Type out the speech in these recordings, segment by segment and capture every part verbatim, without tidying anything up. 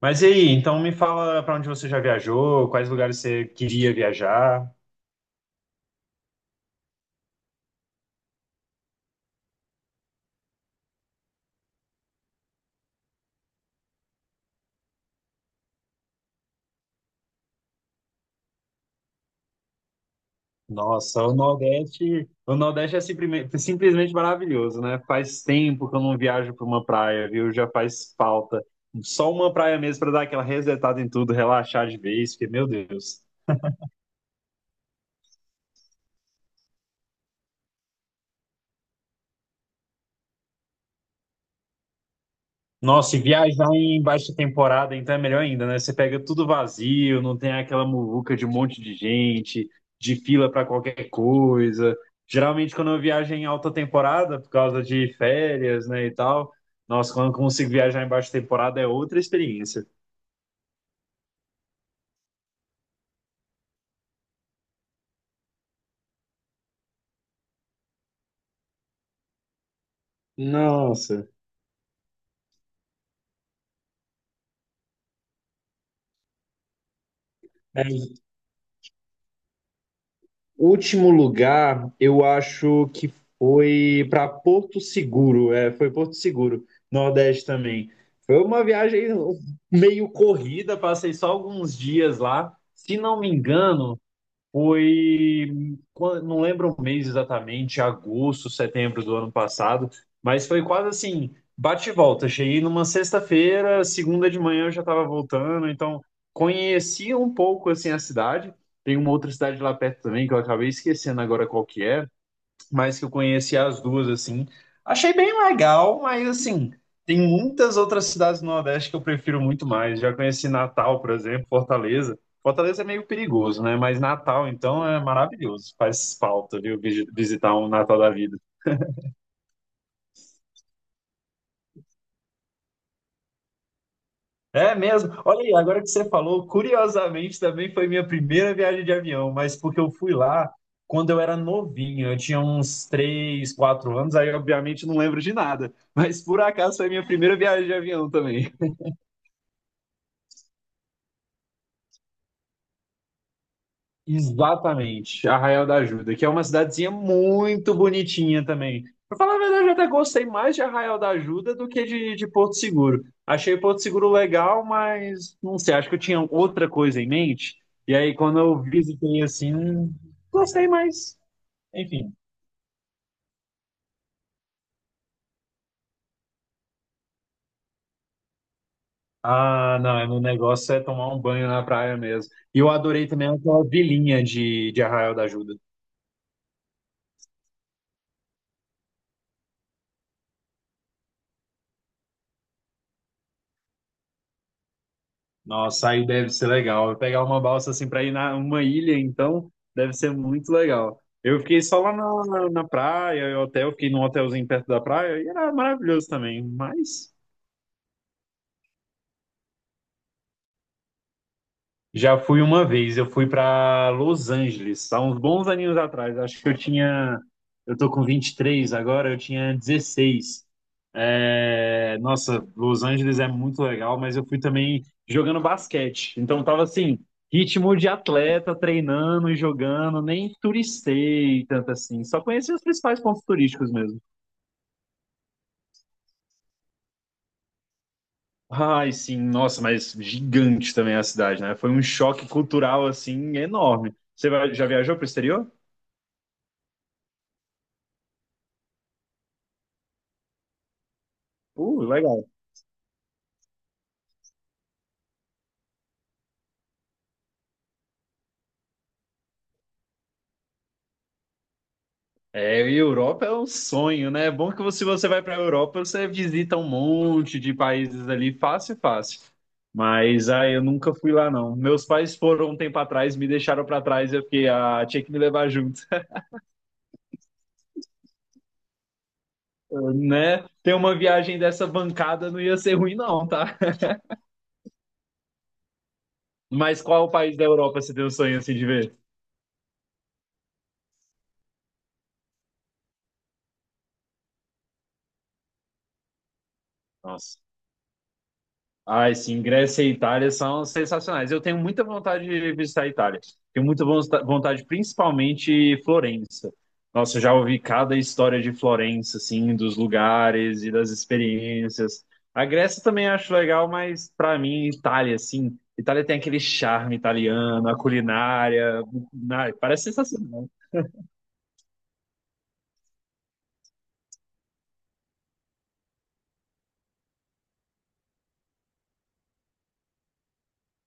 Mas e aí, então me fala para onde você já viajou, quais lugares você queria viajar. Nossa, o Nordeste, o Nordeste é simplime- simplesmente maravilhoso, né? Faz tempo que eu não viajo para uma praia, viu? Já faz falta. Só uma praia mesmo para dar aquela resetada em tudo, relaxar de vez, porque, meu Deus. Nossa, e viajar em baixa temporada, então é melhor ainda, né? Você pega tudo vazio, não tem aquela muvuca de um monte de gente, de fila para qualquer coisa. Geralmente, quando eu viajo em alta temporada, por causa de férias, né, e tal, nossa, quando eu consigo viajar em baixa temporada é outra experiência. Nossa. Último lugar, eu acho que foi para Porto Seguro, é, foi Porto Seguro, Nordeste também. Foi uma viagem meio corrida, passei só alguns dias lá. Se não me engano, foi, qua- não lembro o mês exatamente, agosto, setembro do ano passado, mas foi quase assim, bate e volta. Cheguei numa sexta-feira, segunda de manhã eu já estava voltando, então conheci um pouco assim a cidade. Tem uma outra cidade lá perto também que eu acabei esquecendo agora qual que é, mas que eu conheci as duas, assim. Achei bem legal, mas, assim, tem muitas outras cidades do Nordeste que eu prefiro muito mais. Já conheci Natal, por exemplo, Fortaleza. Fortaleza é meio perigoso, né? Mas Natal, então, é maravilhoso. Faz falta, viu, visi- visitar um Natal da vida. É mesmo. Olha aí, agora que você falou, curiosamente também foi minha primeira viagem de avião, mas porque eu fui lá quando eu era novinho, eu tinha uns três quatro anos, aí obviamente não lembro de nada, mas por acaso foi minha primeira viagem de avião também. Exatamente, Arraial da Ajuda, que é uma cidadezinha muito bonitinha também. Pra falar a verdade, eu até gostei mais de Arraial da Ajuda do que de, de Porto Seguro. Achei Porto Seguro legal, mas não sei, acho que eu tinha outra coisa em mente. E aí, quando eu visitei assim, gostei mais. Enfim. Ah, não, é, o negócio é tomar um banho na praia mesmo. E eu adorei também aquela vilinha de, de Arraial da Ajuda. Nossa, aí deve ser legal. Pegar uma balsa assim para ir na uma ilha, então, deve ser muito legal. Eu fiquei só lá na, na, na praia, eu hotel, fiquei num hotelzinho perto da praia, e era maravilhoso também. Mas. Já fui uma vez, eu fui para Los Angeles, há uns bons aninhos atrás. Acho que eu tinha. Eu tô com vinte e três agora, eu tinha dezesseis. É, nossa, Los Angeles é muito legal, mas eu fui também jogando basquete. Então tava assim, ritmo de atleta, treinando e jogando, nem turistei tanto assim. Só conheci os principais pontos turísticos mesmo. Ai, sim, nossa, mas gigante também a cidade, né? Foi um choque cultural assim enorme. Você vai- já viajou para o exterior? Uh, legal. É, e Europa é um sonho, né? É bom que você- se você vai para a Europa, você visita um monte de países ali, fácil, é fácil. Mas ah, eu nunca fui lá, não. Meus pais foram um tempo atrás, me deixaram para trás, eu fiquei, ah, tinha que me levar junto, né? Ter uma viagem dessa bancada não ia ser ruim, não, tá? Mas qual país da Europa você tem um sonho assim de ver? Nossa. Ai, sim, Grécia e Itália são sensacionais. Eu tenho muita vontade de visitar a Itália. Tenho muita vonta- vontade, principalmente Florença. Nossa, eu já ouvi cada história de Florença, assim, dos lugares e das experiências. A Grécia também acho legal, mas para mim, Itália, assim, Itália tem aquele charme italiano, a culinária, na- parece sensacional.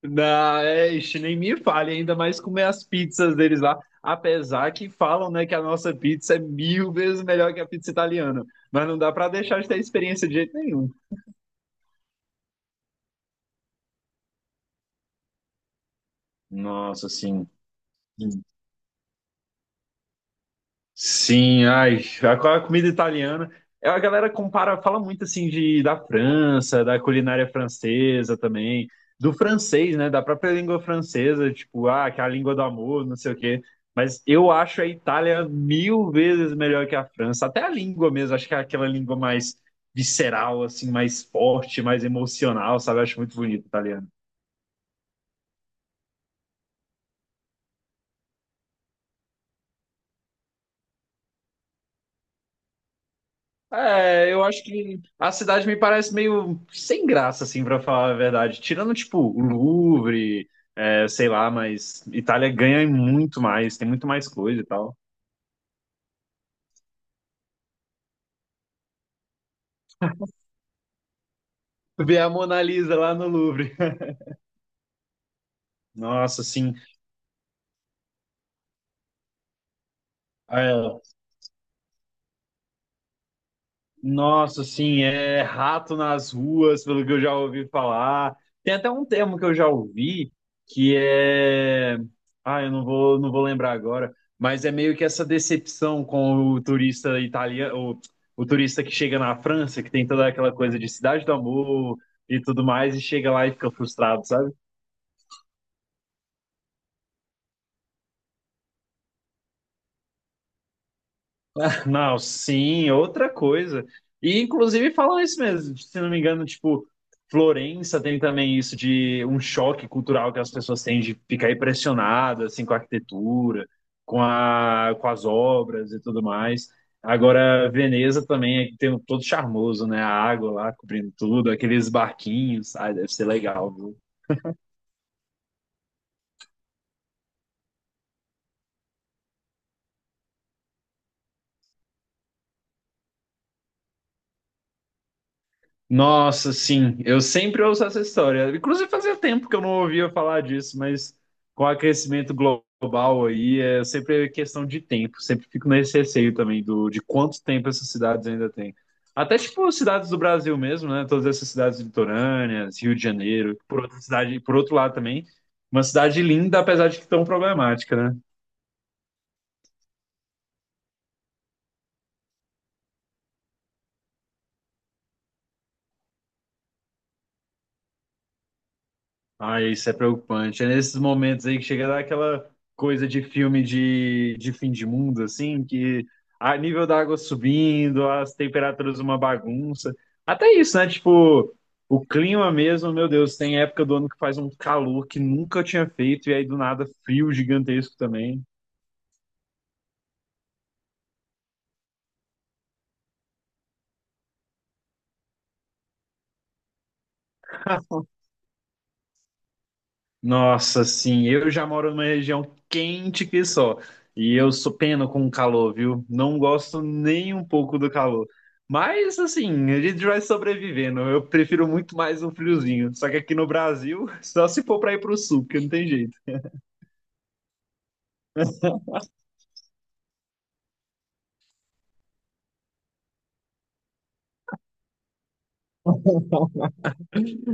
Não, é, ixi, nem me fale, ainda mais comer as pizzas deles lá. Apesar que falam, né, que a nossa pizza é mil vezes melhor que a pizza italiana. Mas não dá pra deixar de ter experiência de jeito nenhum. Nossa, sim. Sim, ai, a a comida italiana. É, a galera compara, fala muito assim de da França, da culinária francesa também, do francês, né, da própria língua francesa, tipo, ah, que é a língua do amor, não sei o quê. Mas eu acho a Itália mil vezes melhor que a França, até a língua mesmo, acho que é aquela língua mais visceral, assim, mais forte, mais emocional, sabe? Eu acho muito bonito o italiano. É, eu acho que a cidade me parece meio sem graça, assim, pra falar a verdade. Tirando, tipo, o Louvre, é, sei lá, mas Itália ganha em muito mais, tem muito mais coisa e tal. Ver a Mona Lisa lá no Louvre. Nossa, assim, é, Nossa, assim, é rato nas ruas, pelo que eu já ouvi falar. Tem até um termo que eu já ouvi que é. Ah, eu não vou, não vou lembrar agora, mas é meio que essa decepção com o turista italiano, o, o turista que chega na França, que tem toda aquela coisa de cidade do amor e tudo mais, e chega lá e fica frustrado, sabe? Não, sim, outra coisa. E inclusive falam isso mesmo, se não me engano, tipo, Florença tem também isso de um choque cultural que as pessoas têm de ficar impressionadas assim com a arquitetura, com a, com as obras e tudo mais. Agora, Veneza também é tem um todo charmoso, né? A água lá cobrindo tudo, aqueles barquinhos, ai, deve ser legal. Nossa, sim, eu sempre ouço essa história. Inclusive, fazia tempo que eu não ouvia falar disso, mas com o aquecimento glo- global aí, é sempre questão de tempo. Sempre fico nesse receio também do, de quanto tempo essas cidades ainda têm. Até tipo cidades do Brasil mesmo, né? Todas essas cidades litorâneas, Rio de Janeiro, por outra cidade, por outro lado também, uma cidade linda, apesar de que tão problemática, né? Ai, isso é preocupante. É nesses momentos aí que chega a dar aquela coisa de filme de, de fim de mundo, assim, que a nível da água subindo, as temperaturas uma bagunça. Até isso, né? Tipo, o clima mesmo, meu Deus, tem época do ano que faz um calor que nunca tinha feito, e aí do nada frio gigantesco também. Nossa, sim, eu já moro numa região quente que só. E eu sou pena com o calor, viu? Não gosto nem um pouco do calor. Mas assim, a gente vai sobrevivendo. Eu prefiro muito mais um friozinho. Só que aqui no Brasil, só se for para ir pro sul, porque não tem jeito.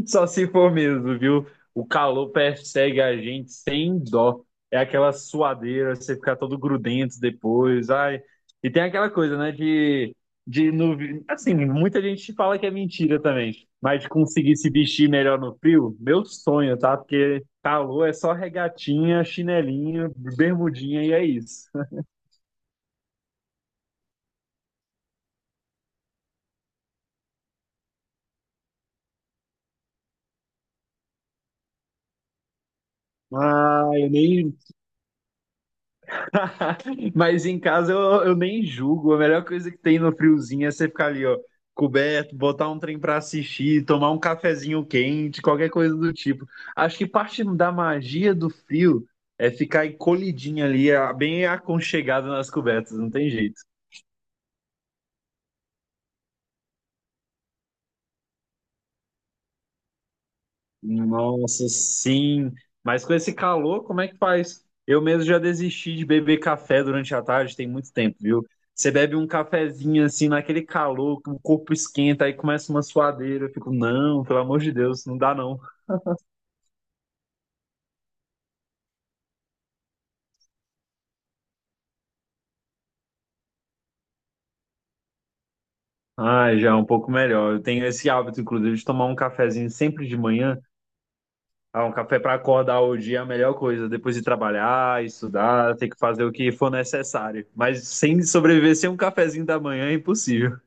Só se for mesmo, viu? O calor persegue a gente sem dó. É aquela suadeira, você ficar todo grudento depois. Ai. E tem aquela coisa, né, de, de no, assim, muita gente fala que é mentira também, mas de conseguir se vestir melhor no frio, meu sonho, tá? Porque calor é só regatinha, chinelinho, bermudinha e é isso. Ah, eu nem. Mas em casa eu, eu nem julgo. A melhor coisa que tem no friozinho é você ficar ali, ó, coberto, botar um trem pra assistir, tomar um cafezinho quente, qualquer coisa do tipo. Acho que parte da magia do frio é ficar encolhidinho ali, a- bem aconchegado nas cobertas, não tem jeito. Nossa, sim. Mas com esse calor, como é que faz? Eu mesmo já desisti de beber café durante a tarde, tem muito tempo, viu? Você bebe um cafezinho assim, naquele calor, que o corpo esquenta, aí começa uma suadeira. Eu fico, não, pelo amor de Deus, não dá não. Ah, já é um pouco melhor. Eu tenho esse hábito, inclusive, de tomar um cafezinho sempre de manhã. Ah, um café para acordar o dia é a melhor coisa. Depois de trabalhar, estudar, ter que fazer o que for necessário. Mas sem sobreviver sem um cafezinho da manhã é impossível.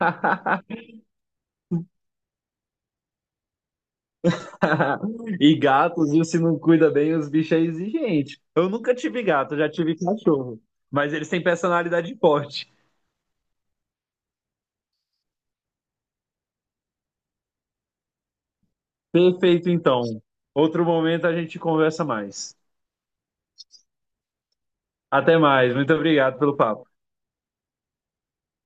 E gatos, viu, se não cuida bem, os bichos é exigente. Eu nunca tive gato, já tive cachorro. Mas eles têm personalidade forte. Perfeito, então. Outro momento a gente conversa mais. Até mais. Muito obrigado pelo papo.